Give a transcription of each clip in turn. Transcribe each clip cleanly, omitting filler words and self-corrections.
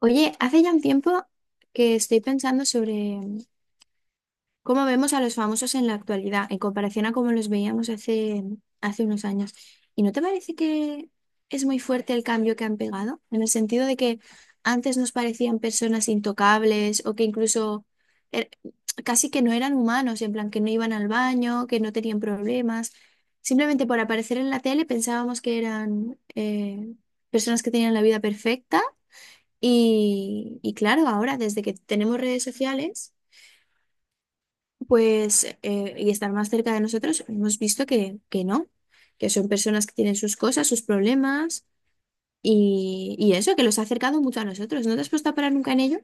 Oye, hace ya un tiempo que estoy pensando sobre cómo vemos a los famosos en la actualidad, en comparación a cómo los veíamos hace unos años. ¿Y no te parece que es muy fuerte el cambio que han pegado? En el sentido de que antes nos parecían personas intocables o que incluso er- casi que no eran humanos, en plan que no iban al baño, que no tenían problemas. Simplemente por aparecer en la tele pensábamos que eran personas que tenían la vida perfecta y claro, ahora desde que tenemos redes sociales, pues, y estar más cerca de nosotros, hemos visto que no, que son personas que tienen sus cosas, sus problemas, y eso, que los ha acercado mucho a nosotros. ¿No te has puesto a parar nunca en ello?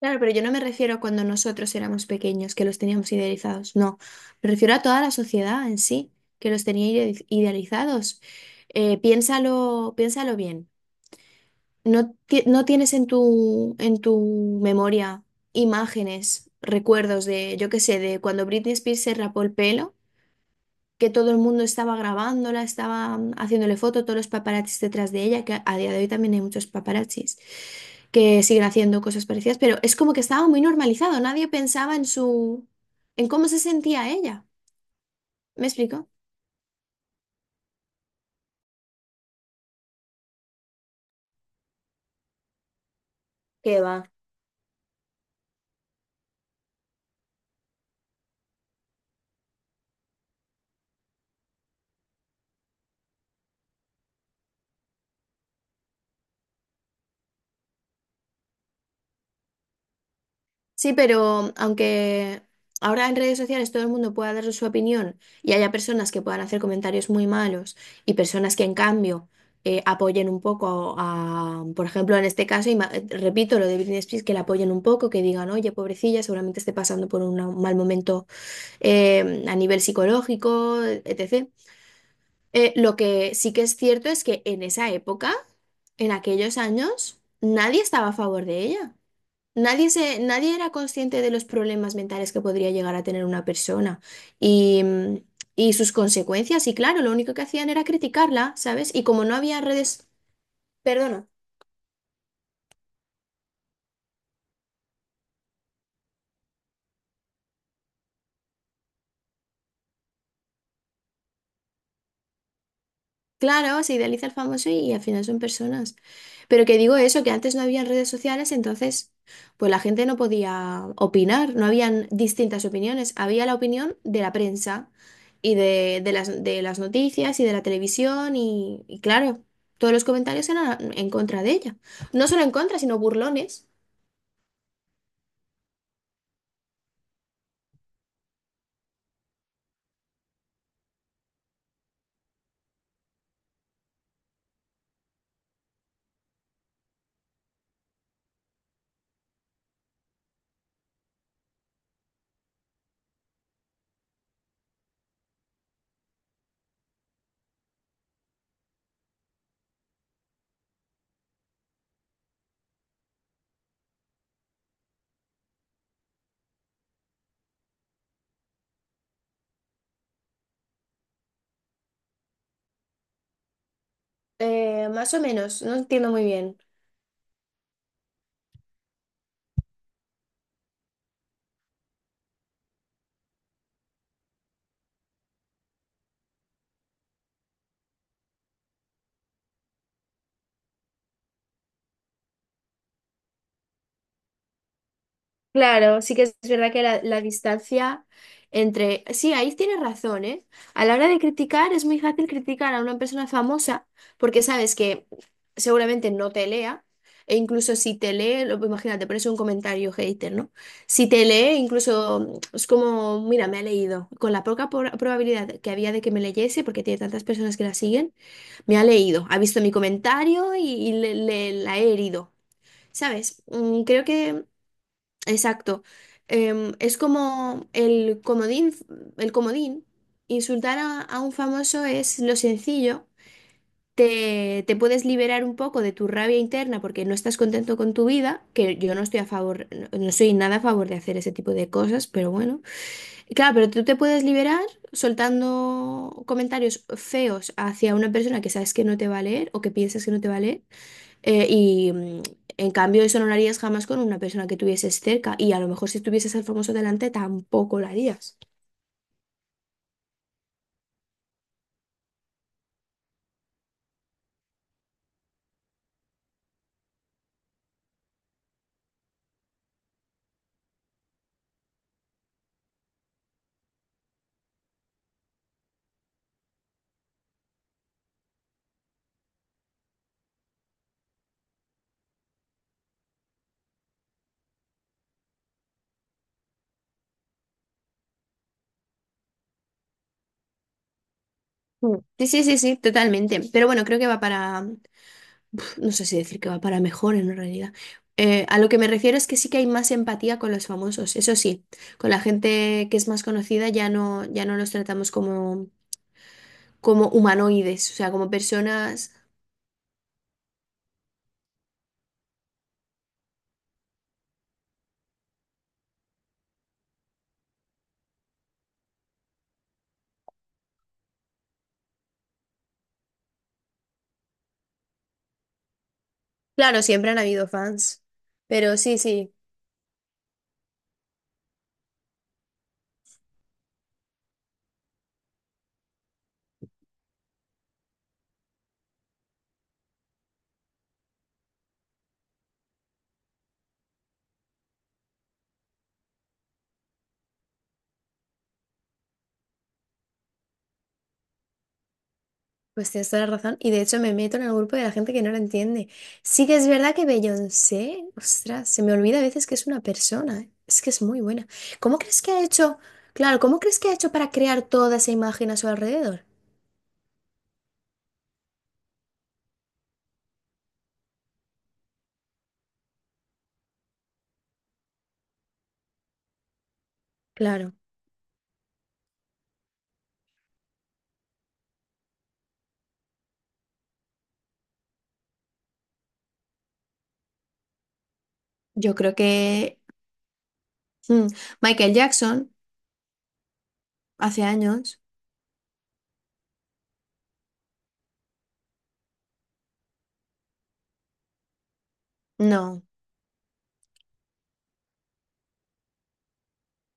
Claro, pero yo no me refiero a cuando nosotros éramos pequeños, que los teníamos idealizados, no. Me refiero a toda la sociedad en sí, que los tenía idealizados. Piénsalo, piénsalo bien. No, no tienes en tu memoria imágenes, recuerdos de, yo qué sé, de cuando Britney Spears se rapó el pelo, que todo el mundo estaba grabándola, estaba haciéndole foto, todos los paparazzis detrás de ella, que a día de hoy también hay muchos paparazzis que siguen haciendo cosas parecidas, pero es como que estaba muy normalizado, nadie pensaba en su, en cómo se sentía ella. ¿Me explico? ¿Qué va? Sí, pero aunque ahora en redes sociales todo el mundo pueda dar su opinión y haya personas que puedan hacer comentarios muy malos y personas que en cambio apoyen un poco a, por ejemplo, en este caso, repito lo de Britney Spears, que la apoyen un poco, que digan, oye, pobrecilla, seguramente esté pasando por un mal momento a nivel psicológico, etc. Lo que sí que es cierto es que en esa época, en aquellos años, nadie estaba a favor de ella. Nadie era consciente de los problemas mentales que podría llegar a tener una persona y, y sus consecuencias. Y claro, lo único que hacían era criticarla, ¿sabes? Y como no había redes, perdona, claro, se idealiza el famoso y, al final son personas. Pero que digo eso, que antes no habían redes sociales, entonces pues la gente no podía opinar, no habían distintas opiniones, había la opinión de la prensa y de las noticias y de la televisión y claro, todos los comentarios eran en contra de ella. No solo en contra, sino burlones. Más o menos, no entiendo muy bien. Claro, sí que es verdad que la distancia entre... Sí, ahí tienes razón, ¿eh? A la hora de criticar es muy fácil criticar a una persona famosa porque sabes que seguramente no te lea e incluso si te lee, imagínate, por eso un comentario hater, ¿no? Si te lee, incluso es como, mira, me ha leído. Con la poca probabilidad que había de que me leyese, porque tiene tantas personas que la siguen, me ha leído, ha visto mi comentario y, la he herido. ¿Sabes? Creo que... Exacto. Es como el comodín, el comodín. Insultar a un famoso es lo sencillo. Te puedes liberar un poco de tu rabia interna porque no estás contento con tu vida, que yo no estoy a favor, no, no soy nada a favor de hacer ese tipo de cosas, pero bueno. Claro, pero tú te puedes liberar soltando comentarios feos hacia una persona que sabes que no te va a leer o que piensas que no te va a leer. eh, y mm, en cambio eso no lo harías jamás con una persona que tuvieses cerca. Y a lo mejor si tuvieses al famoso delante tampoco lo harías. Mm. Sí, sí, sí, sí, totalmente. Pero bueno, creo que no sé si decir que va para mejor en realidad. A lo que me refiero es que sí que hay más empatía con los famosos. Eso sí, con la gente que es más conocida ya no los tratamos como como humanoides, o sea, como personas. Claro, siempre han habido fans, pero sí, sí, pues tienes toda la razón. Y de hecho me meto en el grupo de la gente que no lo entiende. Sí que es verdad que Beyoncé, ostras, se me olvida a veces que es una persona, ¿eh? Es que es muy buena. ¿Cómo crees que ha hecho? Claro, ¿cómo crees que ha hecho para crear toda esa imagen a su alrededor? Claro, yo creo que mm, Michael Jackson, hace años, no.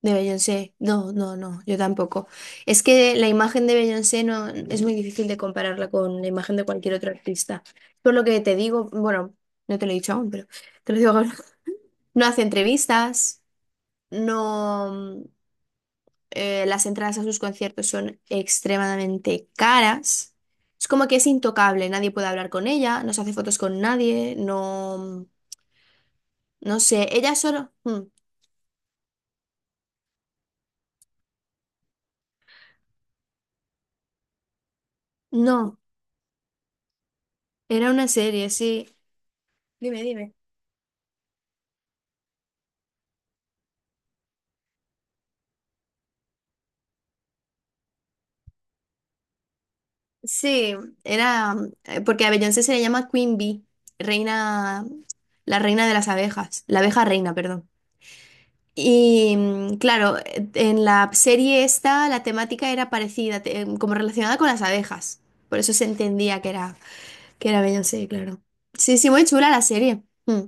De Beyoncé, no, no, no, yo tampoco. Es que la imagen de Beyoncé no es muy difícil de compararla con la imagen de cualquier otro artista. Por lo que te digo, bueno, no te lo he dicho aún, pero te lo digo ahora. No hace entrevistas, no, las entradas a sus conciertos son extremadamente caras. Es como que es intocable, nadie puede hablar con ella, no se hace fotos con nadie, no, no sé, ella solo, mm, no, era una serie, sí. Dime, dime. Sí, era porque a Beyoncé se le llama Queen Bee, reina, la reina de las abejas, la abeja reina, perdón. Y claro, en la serie esta la temática era parecida, como relacionada con las abejas. Por eso se entendía que era Beyoncé, claro. Sí, sí, muy chula la serie. Mm.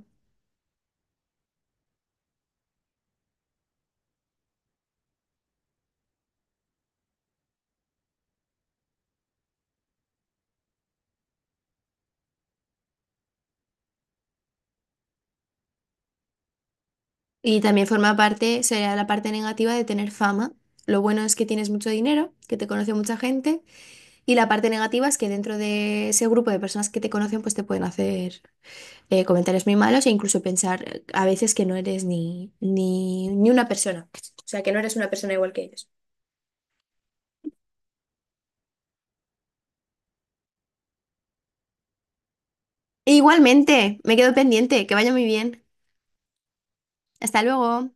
Y también forma parte, sería la parte negativa de tener fama. Lo bueno es que tienes mucho dinero, que te conoce mucha gente. Y la parte negativa es que dentro de ese grupo de personas que te conocen, pues te pueden hacer comentarios muy malos e incluso pensar a veces que no eres ni una persona. O sea, que no eres una persona igual que ellos. E igualmente, me quedo pendiente. Que vaya muy bien. Hasta luego.